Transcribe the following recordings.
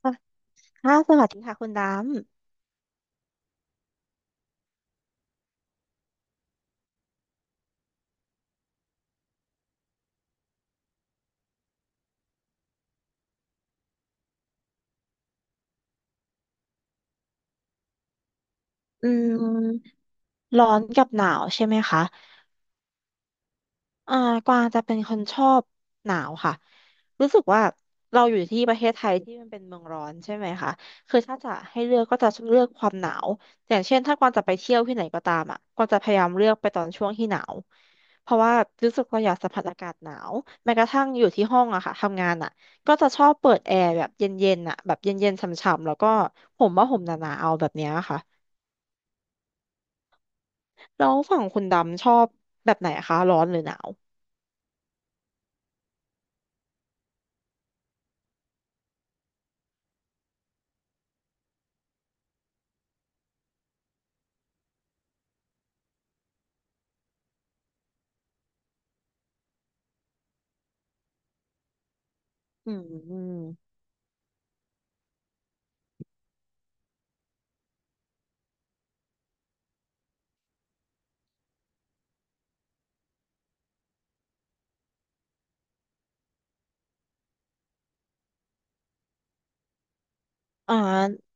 ค่ะสวัสดีค่ะคุณดำร้อนกับหนาวใช่ไหมคะอ่ากวางจะเป็นคนชอบหนาวค่ะรู้สึกว่าเราอยู่ที่ประเทศไทยที่มันเป็นเมืองร้อนใช่ไหมคะคือถ้าจะให้เลือกก็จะเลือกความหนาวอย่างเช่นถ้ากวางจะไปเที่ยวที่ไหนก็ตามอ่ะกวางจะพยายามเลือกไปตอนช่วงที่หนาวเพราะว่ารู้สึกเราอยากสัมผัสอากาศหนาวแม้กระทั่งอยู่ที่ห้องอะค่ะทำงานอะก็จะชอบเปิดแอร์แบบเย็นๆน่ะแบบเย็นๆฉ่ำๆแล้วก็ห่มว่าห่มหนาๆเอาแบบเนี้ยค่ะ แล้วฝั่งคุณดำชอบแบบไหนคะร้อนหรือหนาวอืมอมอ่า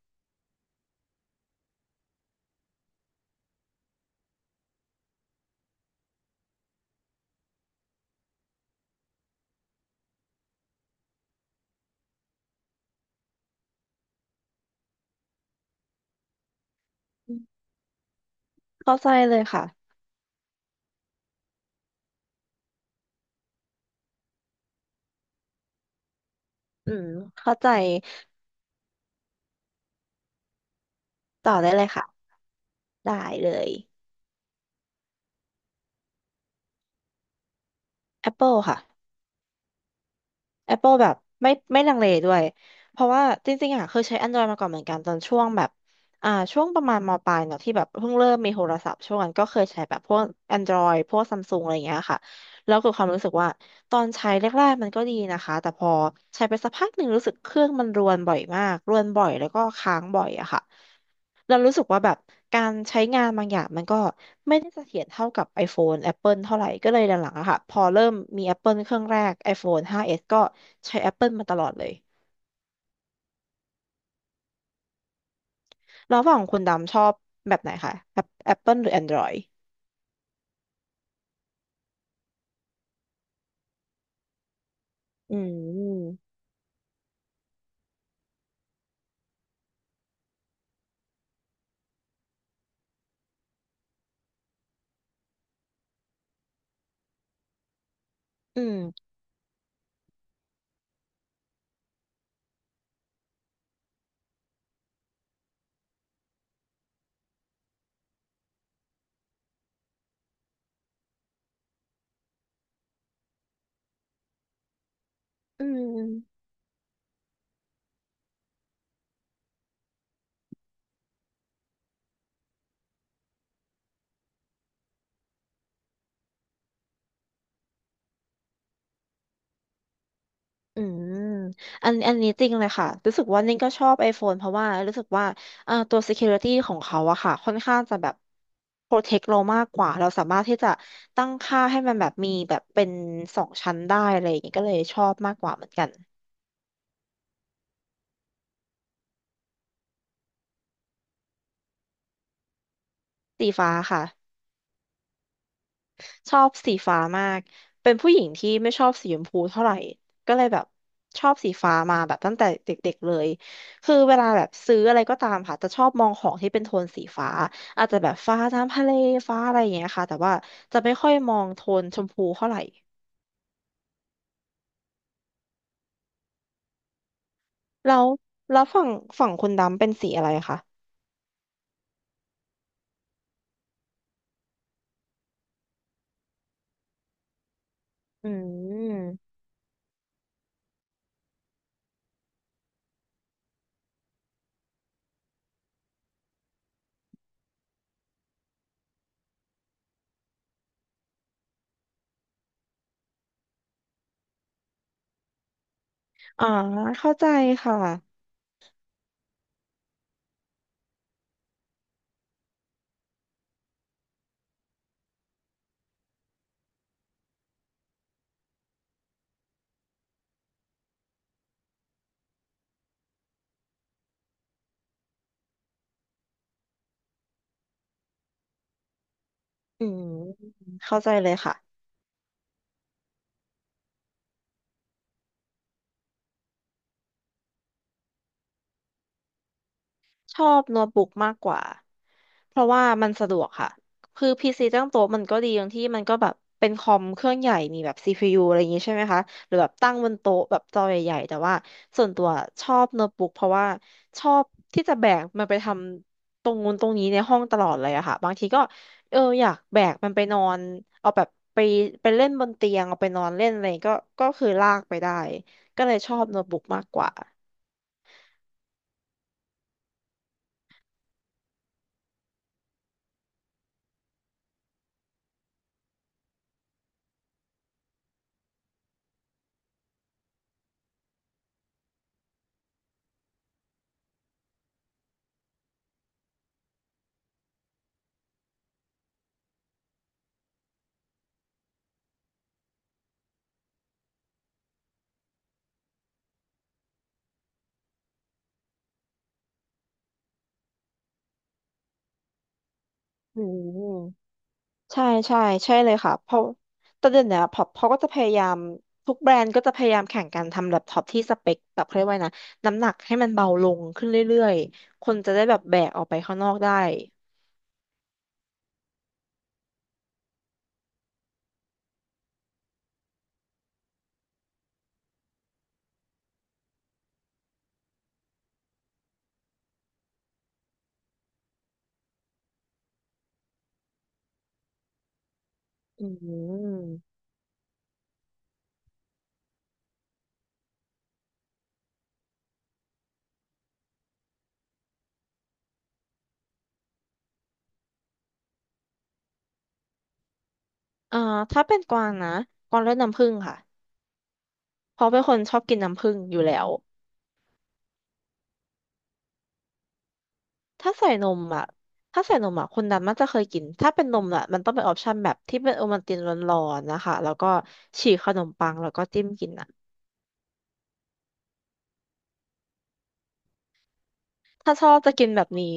เข้าใจเลยค่ะอืมเข้าใจต่อได้เลยค่ะได้เลย Apple ค่ะ Apple แบบไม่ลังเลด้วย เพราะว่าจริงๆอ่ะเคยใช้ Android มาก่อนเหมือนกันตอนช่วงแบบช่วงประมาณมปลายเนาะที่แบบเพิ่งเริ่มมีโทรศัพท์ช่วงนั้นก็เคยใช้แบบพวก Android พวกซัมซุงอะไรอย่างเงี้ยค่ะแล้วเกิดความรู้สึกว่าตอนใช้แรกๆมันก็ดีนะคะแต่พอใช้ไปสักพักหนึ่งรู้สึกเครื่องมันรวนบ่อยมากรวนบ่อยแล้วก็ค้างบ่อยอะค่ะ เรารู้สึกว่าแบบการใช้งานบางอย่างมันก็ไม่ได้เสถียรเท่ากับ iPhone Apple เท่าไหร่ก็เลยหลังๆอะค่ะพอเริ่มมี Apple เครื่องแรก iPhone 5S ก็ใช้ Apple มาตลอดเลยแล้วฝั่งคุณดำชอบแบบไหนคะ Apple หรือ Android อืมอืมอืม อืมอันนี้จริงเลยค่ะรู้สึกว่านิ่งก็ชอบ iPhone เพราะว่ารู้สึกว่าตัว security ของเขาอะค่ะค่อนข้างจะแบบ protect เรามากกว่าเราสามารถที่จะตั้งค่าให้มันแบบมีแบบเป็นสองชั้นได้อะไรอย่างเงี้ยก็เลยชอบมากกว่าเหมือนกันสีฟ้าค่ะ ชอบสีฟ้ามากเป็นผู้หญิงที่ไม่ชอบสีชมพูเท่าไหร่ก็เลยแบบชอบสีฟ้ามาแบบตั้งแต่เด็กๆเลยคือเวลาแบบซื้ออะไรก็ตามค่ะจะชอบมองของที่เป็นโทนสีฟ้าอาจจะแบบฟ้าน้ำทะเลฟ้าอะไรอย่างเงี้ยค่ะแต่ว่าจะไม่ค่อยมองโทนชมพูเท่าไหร่แล้วแล้วฝั่งคุณดำเป็นสีอะไรคะอืมอ่าเข้าใจค่ะอืมเข้าใจเลยค่ะ ชอบโน้ตบุ๊กมากกว่า เพราะว่ามันสะดวกค่ะ คือพีซีตั้งโต๊ะมันก็ดีตรงที่มันก็แบบเป็นคอมเครื่องใหญ่มีแบบ CPU อะไรอย่างงี้ใช่ไหมคะ หรือแบบตั้งบนโต๊ะแบบจอใหญ่ๆแต่ว่าส่วนตัวชอบโน้ตบุ๊กเพราะว่าชอบที่จะแบกมันไปทำตรงนู้นตรงนี้ในห้องตลอดเลยอะค่ะบางทีก็เอออยากแบกมันไปนอนเอาแบบไปไปเล่นบนเตียงเอาไปนอนเล่นอะไรก็คือลากไปได้ก็เลยชอบโน้ตบุ๊กมากกว่าอืม ใช่ใช่ใช่เลยค่ะเพราะแต่เดี๋ยวนี้พอเขาก็จะพยายามทุกแบรนด์ก็จะพยายามแข่งกันทำแล็ปท็อปที่สเปคแบบเขาเรียกว่าไงนะน้ำหนักให้มันเบาลงขึ้นเรื่อยๆคนจะได้แบบแบกออกไปข้างนอกได้อืมอ่าถ้าเป็นกวางนะกวางเลือกน้ำผึ้งค่ะเพราะเป็นคนชอบกินน้ำผึ้งอยู่แล้วถ้าใส่นมอ่ะถ้าใส่นมอ่ะคนดำนักจะเคยกินถ้าเป็นนมอ่ะมันต้องเป็นออปชันแบบที่เป็นโอวัลตินร้อนๆนะคะแล้วก็ฉีกขนมปังแล้วก็จิ้มกินอ่ะถ้าชอบจะกินแบบนี้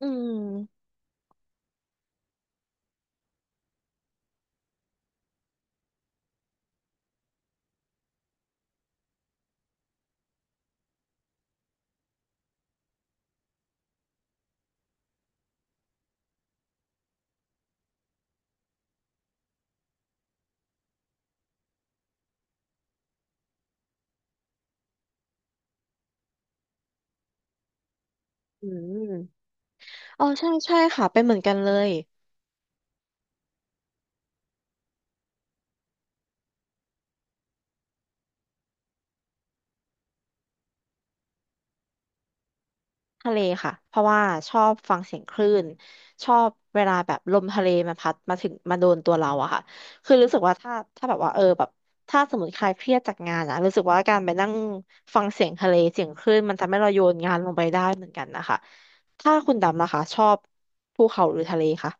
อืมอืมอ๋อใช่ใช่ค่ะเป็นเหมือนกันเลยทะเลค่ะเพราะว่าชอบฟังเสียงคลื่นชอบเวลาแบบลมทะเลมันพัดมาถึงมาโดนตัวเราอะค่ะคือรู้สึกว่าถ้าแบบว่าเออแบบถ้าสมมติใครเครียดจากงานอะรู้สึกว่าการไปนั่งฟังเสียงทะเลเสียงคลื่นมันทำให้เราโยนงานลงไปได้เหมือนกันนะคะ ถ้าคุณดำนะคะชอบภูเขาหรือทะเลคะ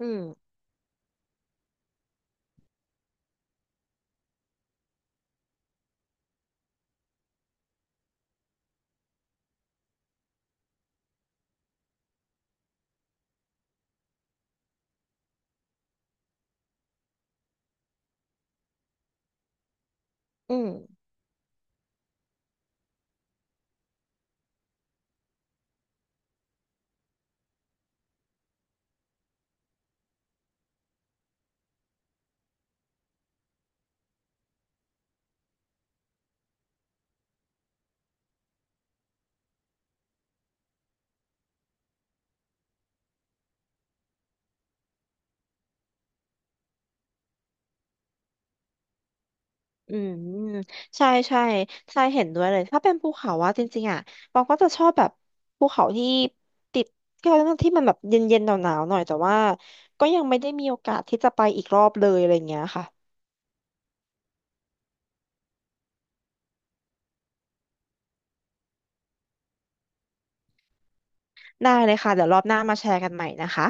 อืมอืม อืมใช่ใช่ใช่เห็นด้วยเลยถ้าเป็นภูเขาว่าจริงๆอ่ะบางก็จะชอบแบบภูเขาที่ติดที่เขาเรียกว่าที่มันแบบเย็นๆหนาวๆหน่อยแต่ว่าก็ยังไม่ได้มีโอกาสที่จะไปอีกรอบเลยอะไรอย่างเงี้ยค่ะได้เลยค่ะเดี๋ยวรอบหน้ามาแชร์กันใหม่นะคะ